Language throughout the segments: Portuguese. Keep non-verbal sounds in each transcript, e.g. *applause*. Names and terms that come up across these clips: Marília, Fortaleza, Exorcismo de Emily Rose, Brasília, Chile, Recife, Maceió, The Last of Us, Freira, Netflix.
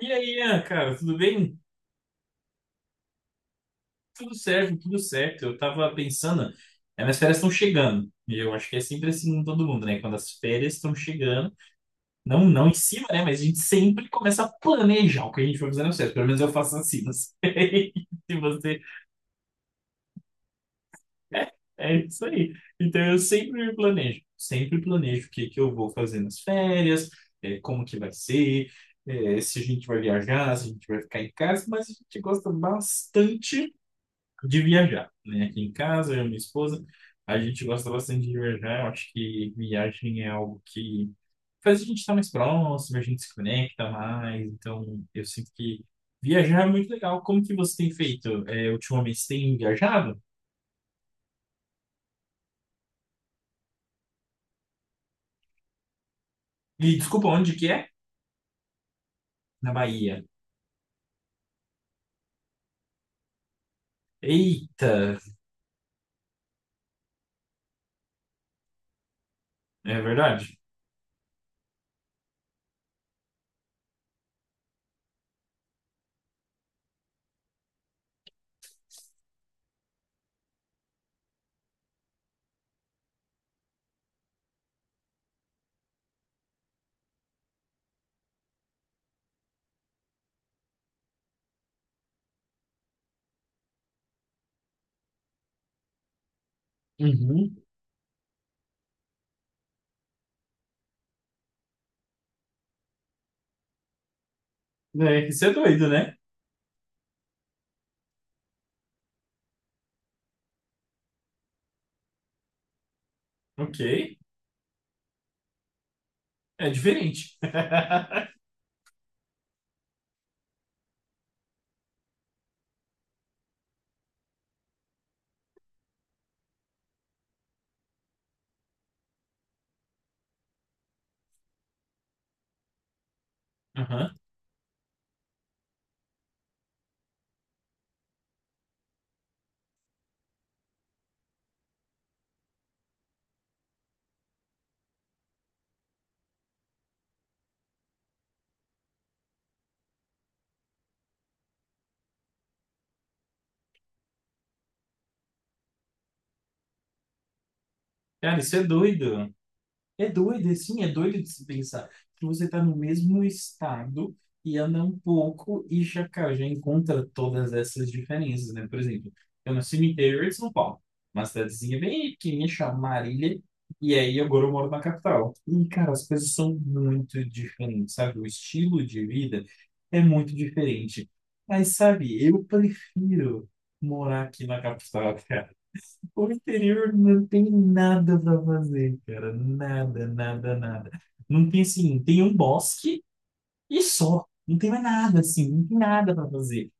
E aí, Ian, cara, tudo bem? Tudo certo, tudo certo. Eu tava pensando, as minhas férias estão chegando. E eu acho que é sempre assim com todo mundo, né? Quando as férias estão chegando, não, não em cima, né? Mas a gente sempre começa a planejar o que a gente vai fazer nas férias. Pelo menos eu faço assim, não sei *laughs* se você. É, é isso aí. Então eu sempre me planejo, sempre planejo o que que eu vou fazer nas férias, como que vai ser. Se a gente vai viajar, se a gente vai ficar em casa, mas a gente gosta bastante de viajar, né? Aqui em casa, eu e minha esposa, a gente gosta bastante de viajar. Eu acho que viagem é algo que faz a gente estar mais próximo, a gente se conecta mais. Então, eu sinto que viajar é muito legal. Como que você tem feito? Ultimamente, você tem viajado? E desculpa, onde que é? Na Bahia. Eita, é verdade? Uhum. É, isso é doido, né? Ok. É diferente. *laughs* Aham. Cara, isso é doido. É doido, assim, é doido de se pensar que você está no mesmo estado e anda um pouco e já, cara, já encontra todas essas diferenças, né? Por exemplo, eu nasci no interior de São Paulo, uma cidadezinha bem pequenininha chamada Marília, e aí agora eu moro na capital. E, cara, as coisas são muito diferentes, sabe? O estilo de vida é muito diferente. Mas, sabe, eu prefiro morar aqui na capital, cara. O interior não tem nada pra fazer, cara. Nada, nada, nada. Não tem assim, tem um bosque e só. Não tem mais nada, assim, não tem nada pra fazer.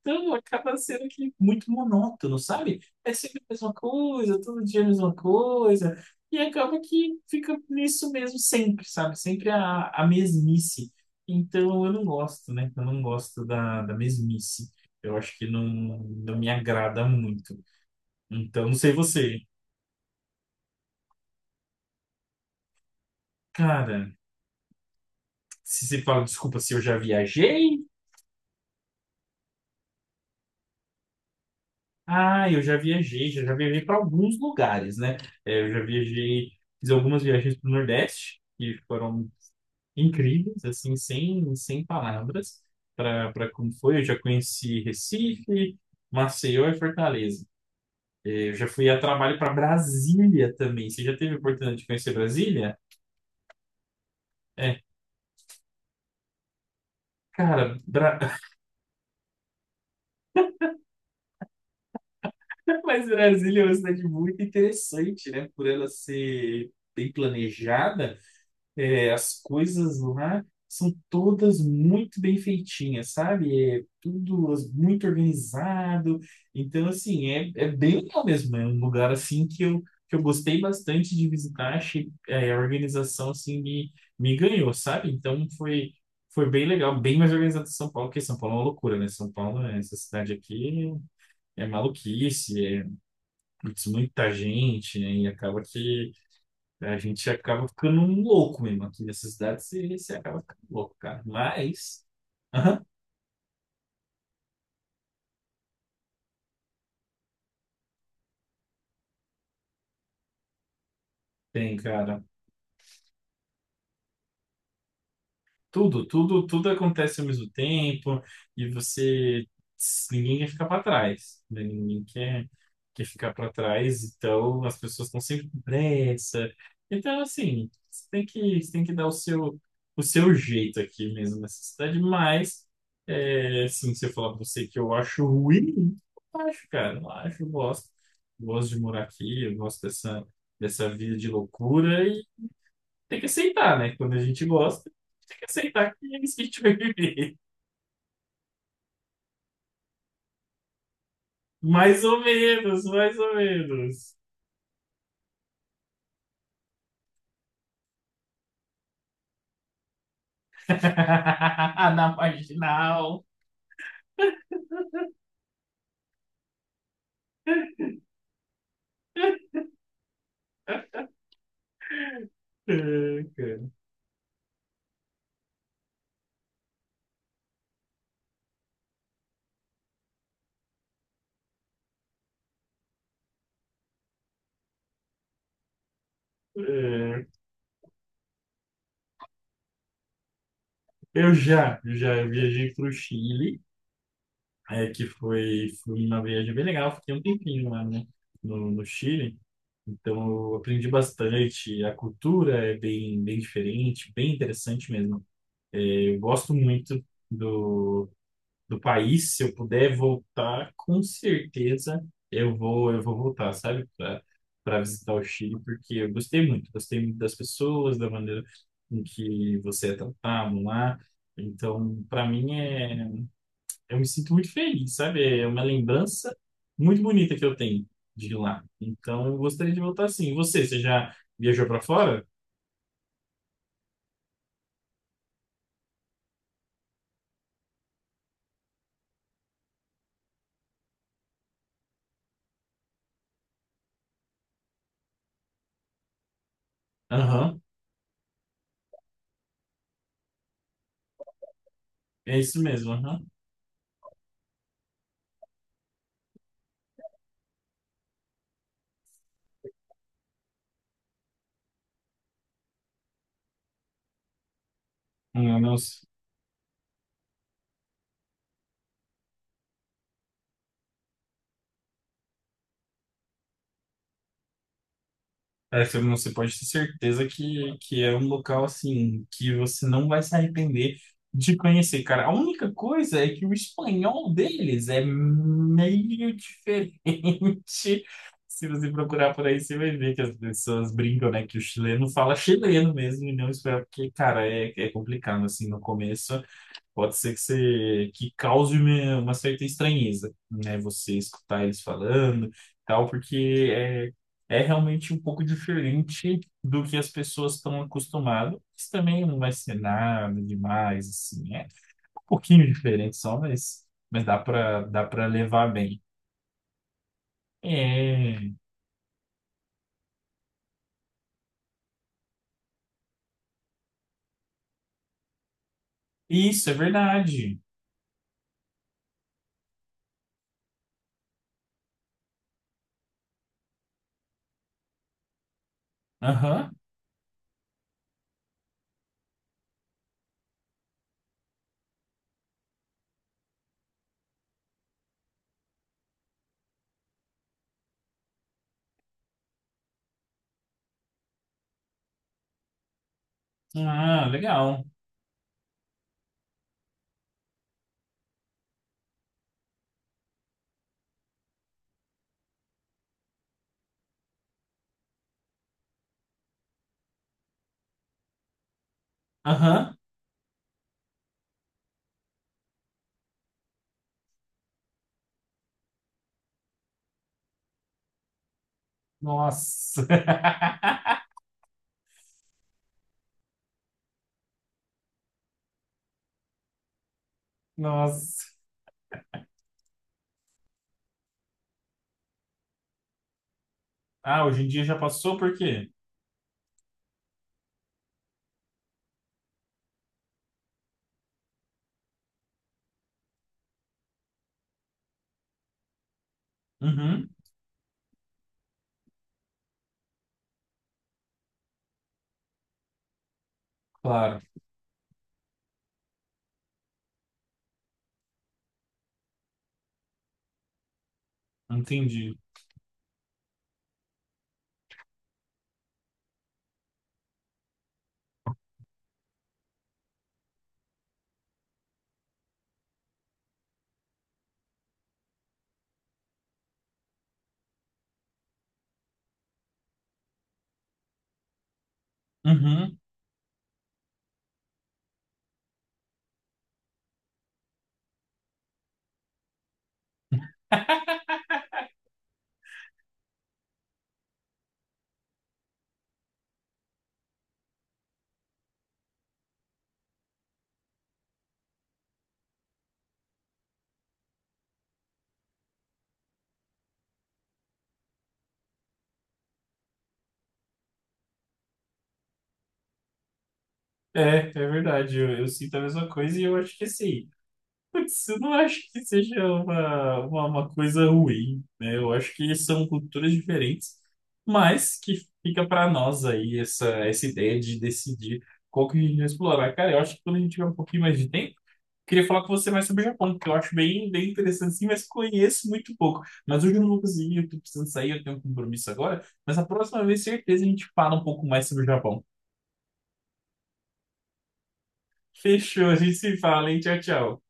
Então acaba sendo que muito monótono, sabe? É sempre a mesma coisa, todo dia a mesma coisa. E acaba que fica nisso mesmo sempre, sabe? Sempre a mesmice. Então eu não gosto, né? Eu não gosto da mesmice. Eu acho que não me agrada muito. Então, não sei você. Cara, se você fala, desculpa, se eu já viajei? Ah, eu já viajei, já viajei para alguns lugares, né? Eu já viajei, fiz algumas viagens para o Nordeste, que foram incríveis, assim, sem palavras, para como foi. Eu já conheci Recife, Maceió e Fortaleza. Eu já fui a trabalho para Brasília também. Você já teve a oportunidade de conhecer Brasília? É, cara, *laughs* Mas Brasília é uma cidade muito interessante, né? Por ela ser bem planejada, as coisas lá são todas muito bem feitinhas, sabe? É tudo muito organizado. Então, assim, é bem legal mesmo. É um lugar, assim, que eu gostei bastante de visitar. Achei, a organização, assim, me ganhou, sabe? Então, foi bem legal. Bem mais organizado que São Paulo, porque São Paulo é uma loucura, né? São Paulo, essa cidade aqui é maluquice, é putz, muita gente, né? E acaba que a gente acaba ficando um louco mesmo. Aqui nessa cidade você acaba ficando louco, cara. Mas, aham, tem, cara. Tudo, tudo, tudo acontece ao mesmo tempo e ninguém quer ficar para trás, né? Ninguém quer ficar para trás, então as pessoas estão sempre com pressa. Então, assim, você tem que dar o seu jeito aqui mesmo nessa cidade, mas, assim, se eu falar para você que eu acho ruim, eu acho, cara, eu acho, eu gosto de morar aqui, eu gosto dessa vida de loucura tem que aceitar, né? Quando a gente gosta, tem que aceitar que é isso que a gente vai viver. Mais ou menos, mais ou menos. *laughs* Na marginal. É, cara. É. Eu já viajei pro Chile, que foi uma viagem bem legal, fiquei um tempinho lá, né, no Chile, então eu aprendi bastante, a cultura é bem, bem diferente, bem interessante mesmo. É, eu gosto muito do, do país, se eu puder voltar, com certeza eu vou voltar, sabe, para visitar o Chile, porque eu gostei muito das pessoas, da maneira em que você é tratado lá. Então, para mim eu me sinto muito feliz, sabe? É uma lembrança muito bonita que eu tenho de lá. Então, eu gostaria de voltar sim. E você, você já viajou para fora? Aham, é isso mesmo, aham. Ah, nossa. É, filme, você pode ter certeza que é um local assim que você não vai se arrepender de conhecer, cara. A única coisa é que o espanhol deles é meio diferente. *laughs* Se você procurar por aí, você vai ver que as pessoas brincam, né? Que o chileno fala chileno mesmo e não espanhol, porque, cara, é complicado assim no começo. Pode ser que, você, que cause uma certa estranheza, né? Você escutar eles falando e tal, porque é realmente um pouco diferente do que as pessoas estão acostumadas. Isso também não vai ser nada demais, assim. É um pouquinho diferente só, mas dá para levar bem. É, isso é verdade. Aham. Ah, legal. Aham. Nossa. *laughs* Nossa. Ah, hoje em dia já passou, por quê? Uhum. Claro, entendi. Uhum. *laughs* É, é verdade, eu sinto a mesma coisa e eu acho que assim, putz, eu não acho que seja uma coisa ruim, né? Eu acho que são culturas diferentes, mas que fica para nós aí essa ideia de decidir qual que a gente vai explorar. Cara, eu acho que quando a gente tiver um pouquinho mais de tempo, queria falar com você mais sobre o Japão, porque eu acho bem, bem interessante sim, mas conheço muito pouco. Mas hoje eu não vou conseguir, eu tô precisando sair, eu tenho um compromisso agora, mas a próxima vez, certeza, a gente fala um pouco mais sobre o Japão. Fechou, a gente se fala, hein? Tchau, tchau.